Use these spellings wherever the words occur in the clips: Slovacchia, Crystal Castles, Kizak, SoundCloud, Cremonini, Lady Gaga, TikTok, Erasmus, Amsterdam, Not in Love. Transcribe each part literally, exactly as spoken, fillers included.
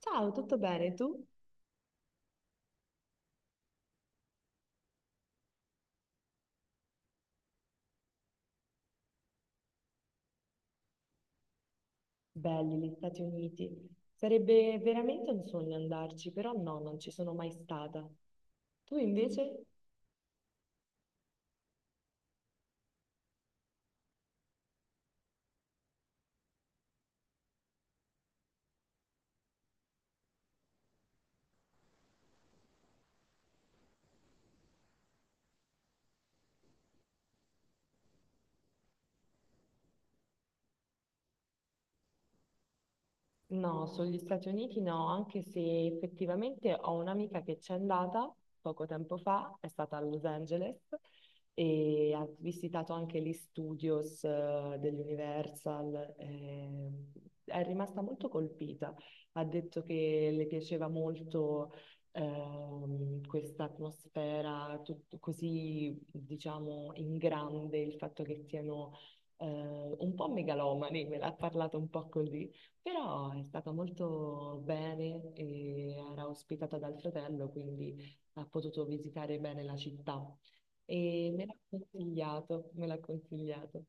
Ciao, tutto bene? Tu? Belli gli Stati Uniti. Sarebbe veramente un sogno andarci, però no, non ci sono mai stata. Tu invece? No, sugli Stati Uniti no, anche se effettivamente ho un'amica che c'è andata poco tempo fa, è stata a Los Angeles e ha visitato anche gli studios eh, dell'Universal. Eh, è rimasta molto colpita. Ha detto che le piaceva molto ehm, questa atmosfera tut- così, diciamo, in grande, il fatto che siano eh, un po' megalomani, me l'ha parlato un po' così, però è stata molto bene e era ospitata dal fratello, quindi ha potuto visitare bene la città. E me l'ha consigliato, me l'ha consigliato.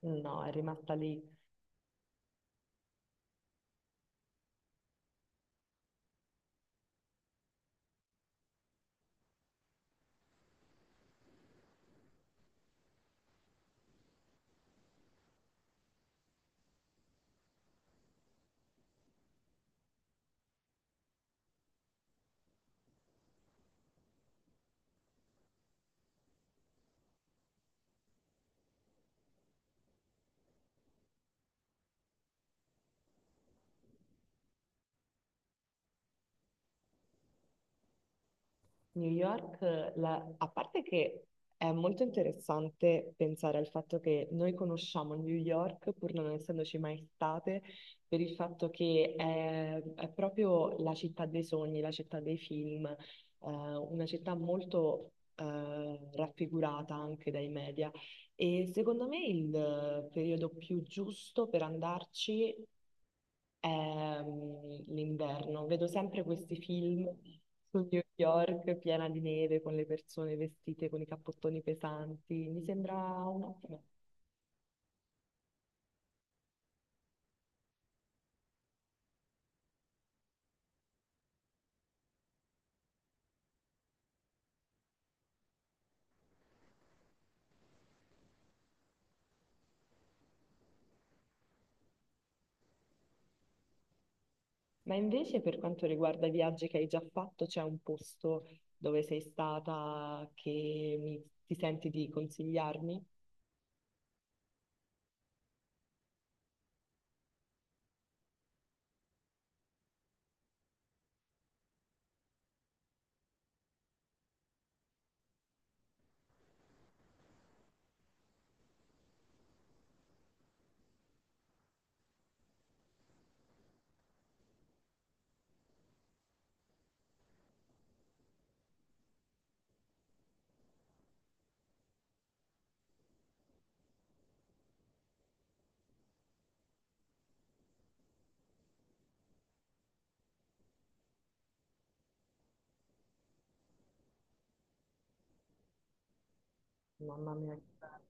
No, è rimasta lì. New York, la- a parte che è molto interessante pensare al fatto che noi conosciamo New York, pur non essendoci mai state, per il fatto che è, è proprio la città dei sogni, la città dei film, eh, una città molto eh, raffigurata anche dai media. E secondo me il eh, periodo più giusto per andarci ehm, l'inverno. Vedo sempre questi film su New York piena di neve, con le persone vestite con i cappottoni pesanti. Mi sembra un'ottima. Ma invece per quanto riguarda i viaggi che hai già fatto, c'è un posto dove sei stata che mi- ti senti di consigliarmi? Mamma mia, che bello.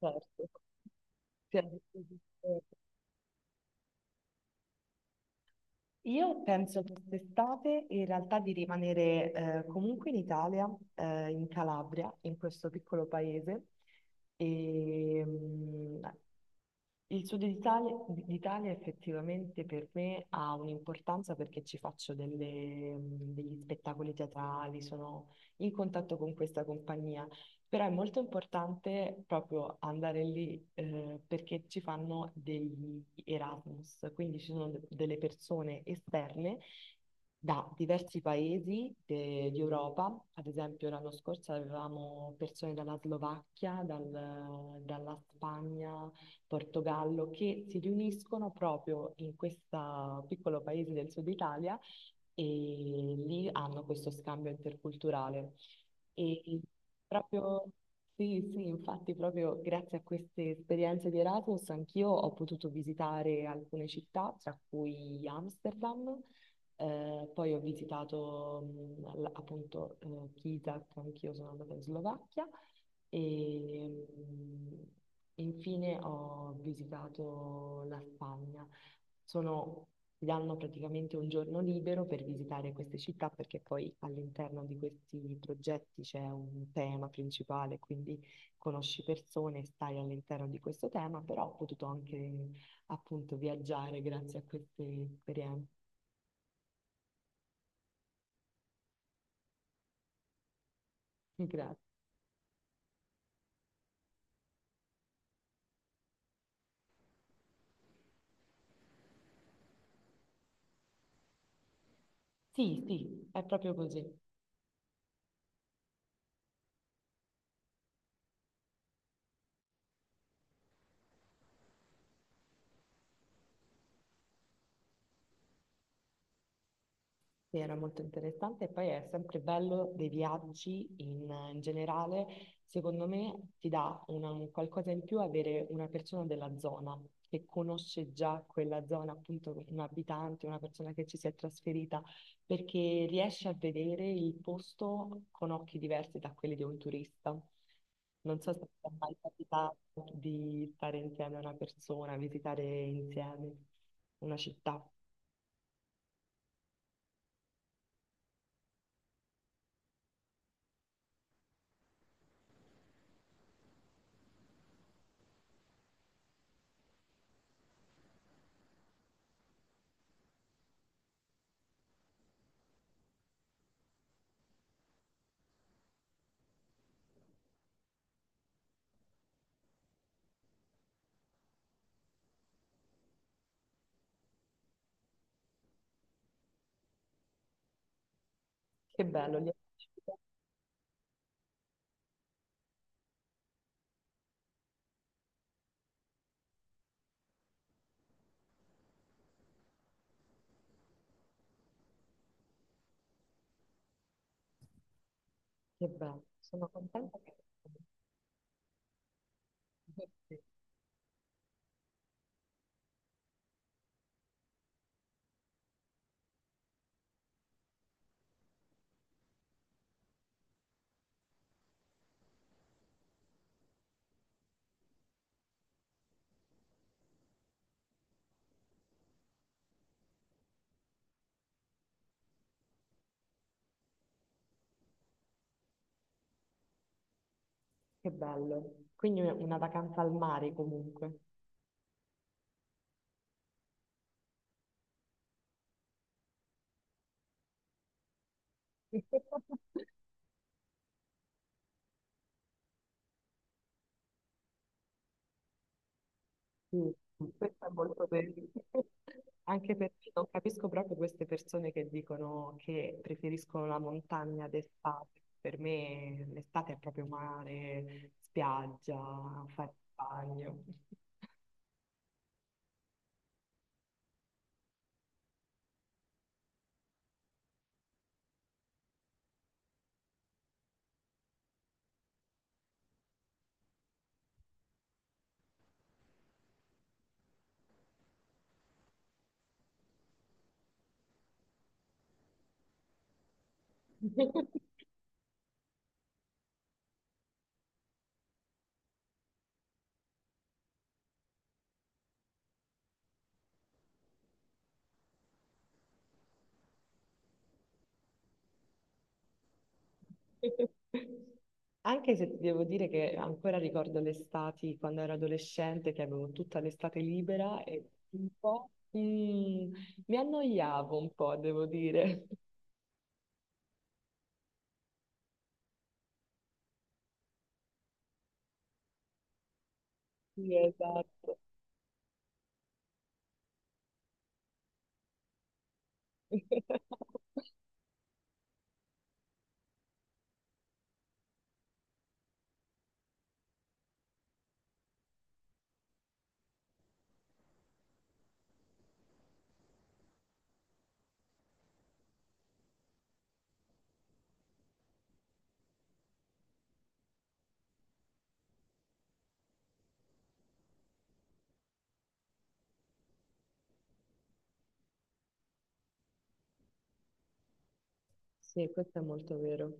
Certo. Sì, a disposizione. Io penso quest'estate in realtà di rimanere eh, comunque in Italia, eh, in Calabria, in questo piccolo paese, e, mm, il Sud d'Italia d'Italia effettivamente per me ha un'importanza perché ci faccio delle- degli spettacoli teatrali, sono in contatto con questa compagnia, però è molto importante proprio andare lì eh, perché ci fanno degli Erasmus, quindi ci sono de- delle persone esterne da diversi paesi de- di Europa, ad esempio l'anno scorso avevamo persone dalla Slovacchia, dal- dalla Spagna, Portogallo, che si riuniscono proprio in questo piccolo paese del sud Italia e lì hanno questo scambio interculturale. E proprio, sì, sì, infatti proprio grazie a queste esperienze di Erasmus anch'io ho potuto visitare alcune città, tra cui Amsterdam, eh, poi ho visitato mh, la- appunto eh, Kizak, anch'io sono andata in Slovacchia e, infine ho visitato la Spagna. Sono, ti danno praticamente un giorno libero per visitare queste città perché poi all'interno di questi progetti c'è un tema principale, quindi conosci persone, stai all'interno di questo tema, però ho potuto anche appunto viaggiare grazie a queste esperienze. Grazie. Sì, sì, è proprio così. Sì, era molto interessante e poi è sempre bello dei viaggi in, in generale. Secondo me ti dà una- un qualcosa in più avere una persona della zona che conosce già quella zona, appunto un abitante, una persona che ci si è trasferita, perché riesce a vedere il posto con occhi diversi da quelli di un turista. Non so se ti è mai capitato di stare insieme a una persona, visitare insieme una città. Che bello, lì. Che bello, sono contenta che... Che bello. Quindi una una vacanza al mare comunque. Sì, questo è molto vero. Anche perché non capisco proprio queste persone che dicono che preferiscono la montagna d'estate. Per me l'estate è proprio mare, spiaggia, fare il bagno. Anche se ti devo dire che ancora ricordo l'estate quando ero adolescente, che avevo tutta l'estate libera e un po' mm, mi annoiavo un po', devo dire. Sì, esatto. Sì, questo è molto vero.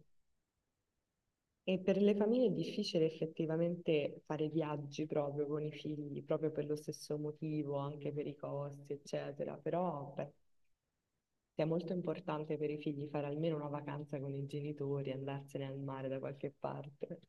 E per le famiglie è difficile effettivamente fare viaggi proprio con i figli, proprio per lo stesso motivo, anche per i costi, eccetera. Però beh, sia molto importante per i figli fare almeno una vacanza con i genitori, andarsene al mare da qualche parte.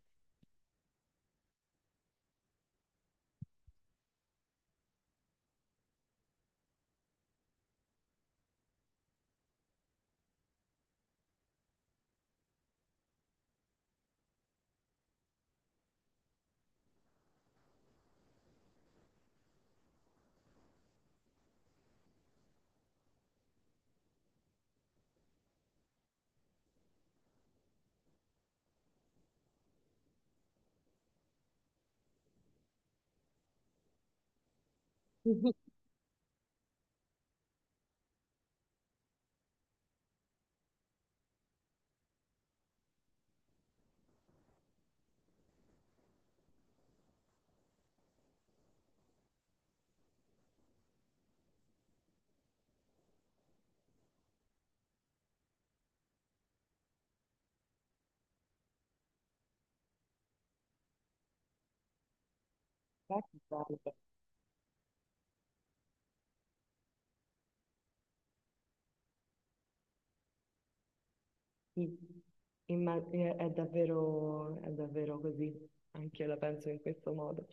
Beh, che bello. Mm. Imma- è è davvero, è davvero così, anche io la penso in questo modo.